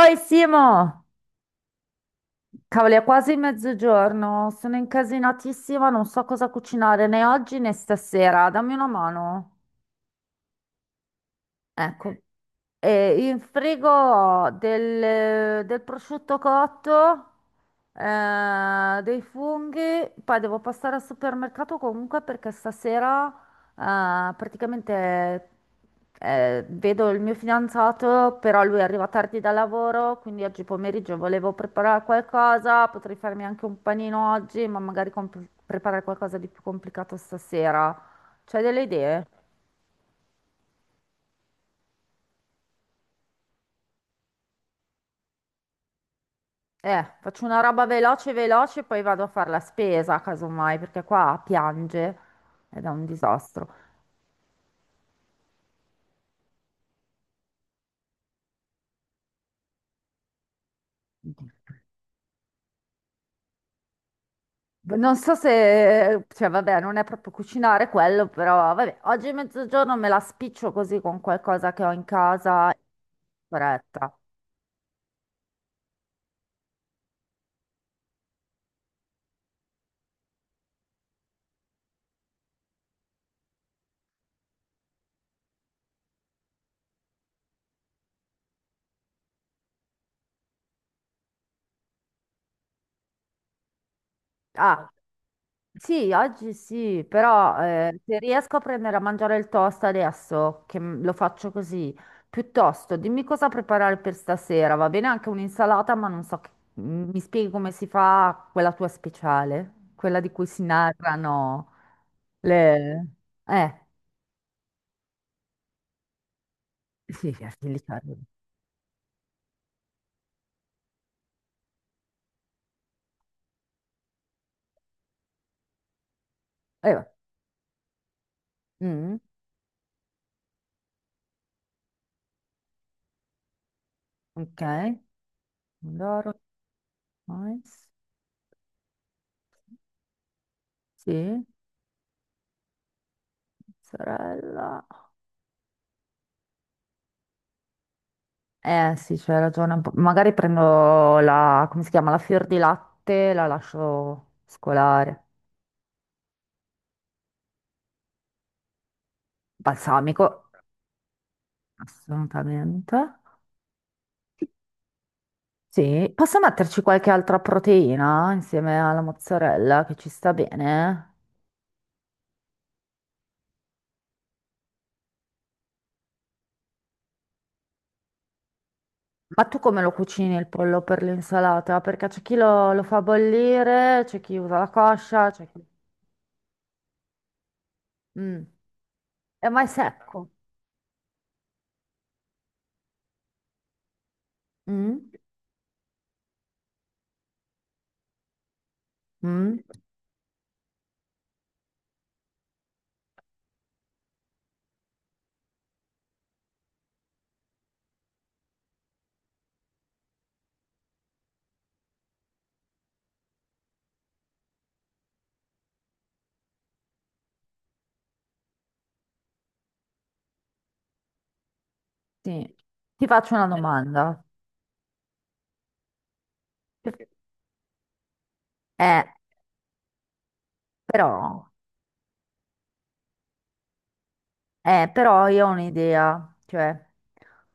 Oi Simo, cavoli, è quasi mezzogiorno, sono incasinatissima, non so cosa cucinare né oggi né stasera, dammi una mano. Ecco, e in frigo ho del prosciutto cotto, dei funghi, poi devo passare al supermercato comunque perché stasera praticamente vedo il mio fidanzato, però lui arriva tardi dal lavoro, quindi oggi pomeriggio volevo preparare qualcosa, potrei farmi anche un panino oggi, ma magari preparare qualcosa di più complicato stasera. C'hai delle idee? Faccio una roba veloce, veloce, poi vado a fare la spesa, casomai, perché qua piange ed è un disastro. Non so se, cioè, vabbè, non è proprio cucinare quello, però, vabbè, oggi mezzogiorno me la spiccio così con qualcosa che ho in casa, in fretta. Ah. Sì, oggi sì, però se riesco a prendere a mangiare il toast adesso, che lo faccio così, piuttosto dimmi cosa preparare per stasera, va bene anche un'insalata, ma non so, mi spieghi come si fa quella tua speciale, quella di cui si narrano le... Eh, sì, sì, lì ci arrivo. Va. Mm, ok, pomodoro, mais, sì, mozzarella. Eh sì, c'hai ragione un po'. Magari prendo la, come si chiama, la fior di latte, la lascio scolare. Balsamico, assolutamente. Sì, posso metterci qualche altra proteina insieme alla mozzarella che ci sta bene? Ma tu come lo cucini il pollo per l'insalata? Perché c'è chi lo fa bollire, c'è chi usa la coscia, c'è chi... Mm. Ma è secco. Mm? Mm? Sì. Ti faccio una domanda. Eh, però... però io ho un'idea, cioè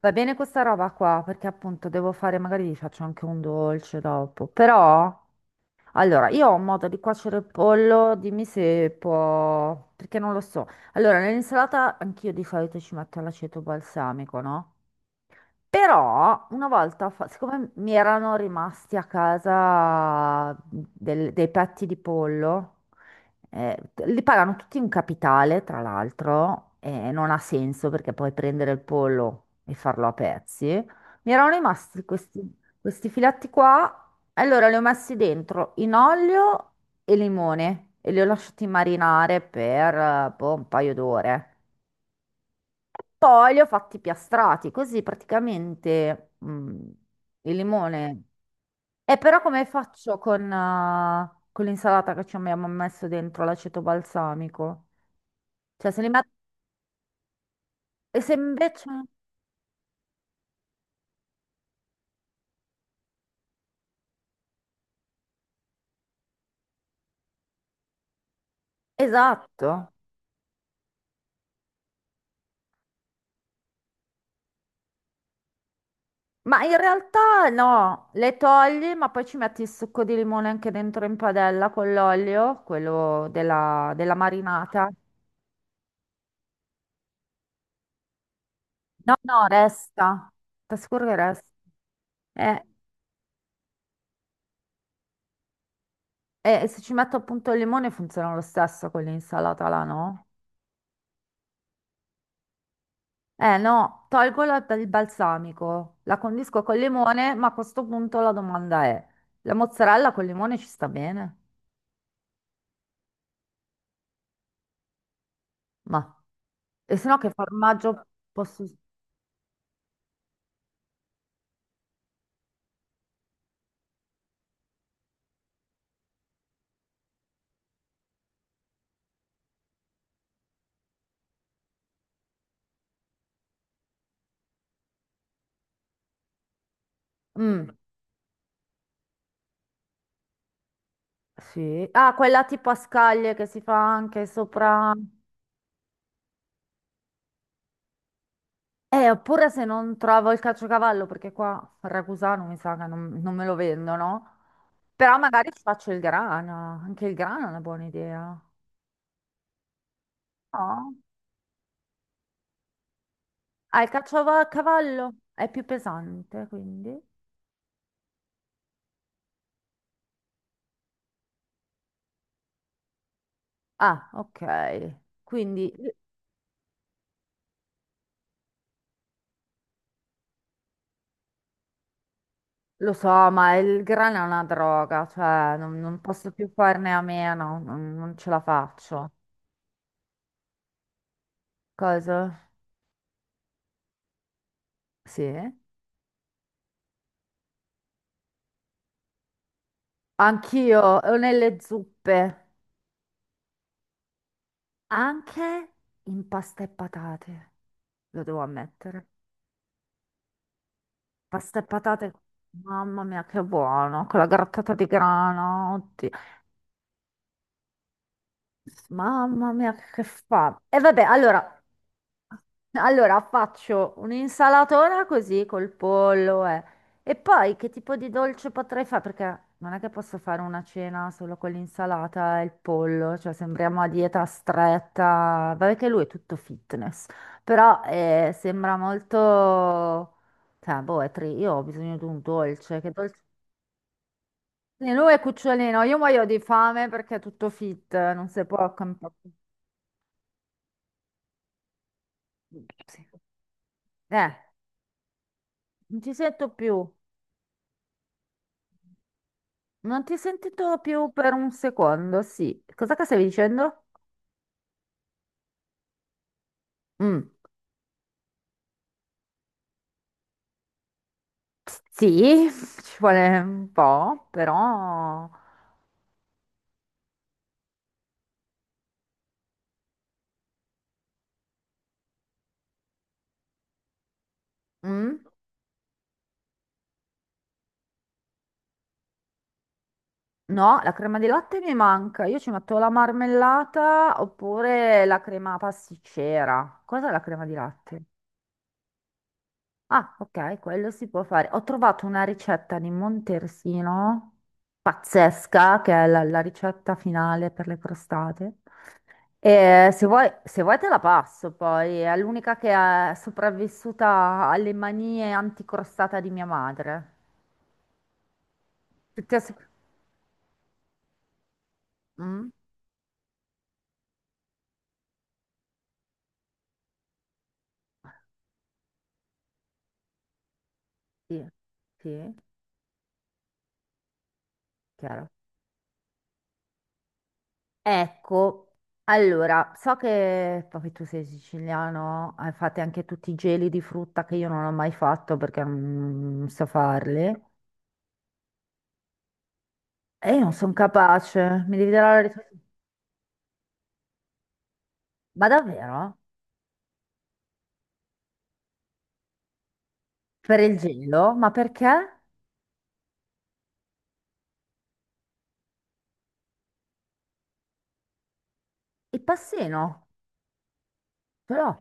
va bene questa roba qua perché appunto devo fare, magari vi faccio anche un dolce dopo, però allora io ho un modo di cuocere il pollo, dimmi se può, perché non lo so. Allora, nell'insalata anch'io di solito ci metto l'aceto balsamico, no? Però una volta, siccome mi erano rimasti a casa dei petti di pollo, eh, li pagano tutti in capitale, tra l'altro, e non ha senso perché puoi prendere il pollo e farlo a pezzi. Mi erano rimasti questi filetti qua, allora li ho messi dentro in olio e limone e li ho lasciati marinare per, boh, un paio d'ore. Poi li ho fatti piastrati, così praticamente il limone. E però come faccio con l'insalata che ci abbiamo messo dentro l'aceto balsamico? Cioè se li metto... E se invece... Esatto. Ma in realtà no, le togli, ma poi ci metti il succo di limone anche dentro in padella con l'olio, quello della marinata. No, no, resta. Ti assicuro che resta. Eh, E se ci metto appunto il limone funziona lo stesso con l'insalata là, no? Eh no, tolgo il balsamico, la condisco col limone, ma a questo punto la domanda è, la mozzarella col limone ci sta bene? Ma, e se no che formaggio posso... Mm, sì. Ah, quella tipo a scaglie che si fa anche sopra... Oppure se non trovo il caciocavallo, perché qua a Ragusano mi sa che non me lo vendono, però magari ci faccio il grana, anche il grana è una buona idea. No? Ah, il a cavallo è più pesante, quindi. Ah, ok. Quindi lo so, ma il grano è una droga, cioè non posso più farne a meno, non ce la faccio. Cosa? Sì. Anch'io, o nelle zuppe, anche in pasta e patate, lo devo ammettere. Pasta e patate, mamma mia, che buono, con la grattata di grano, oddio. Mamma mia, che fa. E vabbè, allora. Allora faccio un'insalatona così col pollo. E poi che tipo di dolce potrei fare? Perché non è che posso fare una cena solo con l'insalata e il pollo, cioè sembriamo a dieta stretta. Vabbè che lui è tutto fitness, però sembra molto... Cioè, boh, è io ho bisogno di un dolce, che dolce... Sì, lui è cucciolino, io muoio di fame perché è tutto fit, non si può... Sì. Eh, Non ci sento più. Non ti ho sentito più per un secondo, sì. Cos'è che stavi dicendo? Mm, sì, ci vuole un po', però... Mm, no, la crema di latte mi manca. Io ci metto la marmellata oppure la crema pasticcera. Cos'è la crema di latte? Ah, ok, quello si può fare. Ho trovato una ricetta di Montersino pazzesca, che è la la ricetta finale per le crostate. E se vuoi, se vuoi te la passo poi, è l'unica che è sopravvissuta alle manie anticrostata di mia madre. Tutti a sec- Mm? Sì, sì, chiaro. Ecco, allora, so che poi tu sei siciliano, hai fatto anche tutti i geli di frutta che io non ho mai fatto perché non so farli. E io non sono capace, mi devi dare la risposta. Ma davvero? Per il gelo? Ma perché? Il passino, ce l'ho.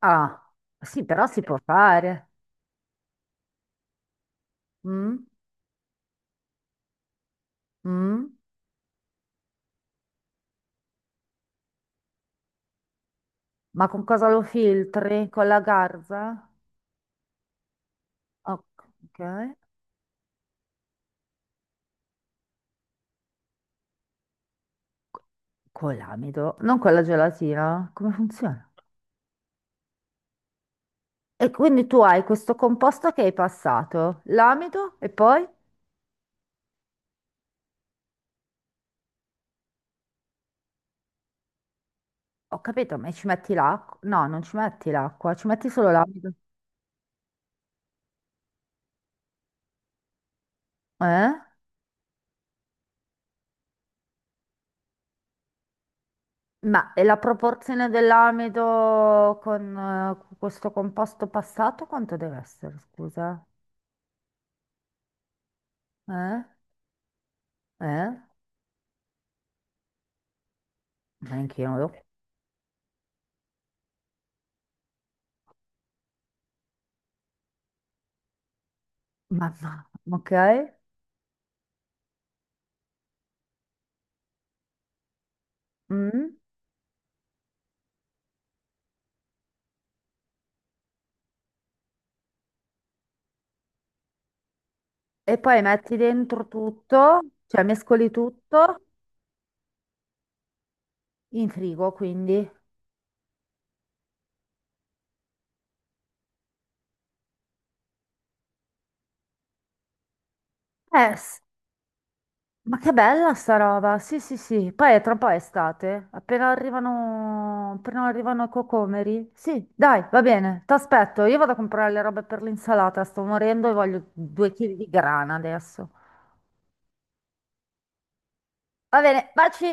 Ah, sì, però si può fare. Mm? Mm? Ma con cosa lo filtri? Con la garza? Ok. Ok. Con l'amido, non con la gelatina. Come funziona? E quindi tu hai questo composto che hai passato, l'amido e poi? Ho capito, ma ci metti l'acqua? No, non ci metti l'acqua, ci metti solo l'amido. Eh? Ma e la proporzione dell'amido con questo composto passato quanto deve essere, scusa? Eh? Eh? Neanche io. Mamma, ok. Mm. E poi metti dentro tutto, cioè mescoli tutto in frigo, quindi. Eh, s- ma che bella sta roba. Sì, sì, sì. Poi tra un po' è estate. Appena arrivano i cocomeri. Sì, dai, va bene. Ti aspetto. Io vado a comprare le robe per l'insalata. Sto morendo e voglio 2 chili di grana adesso. Va bene, baci.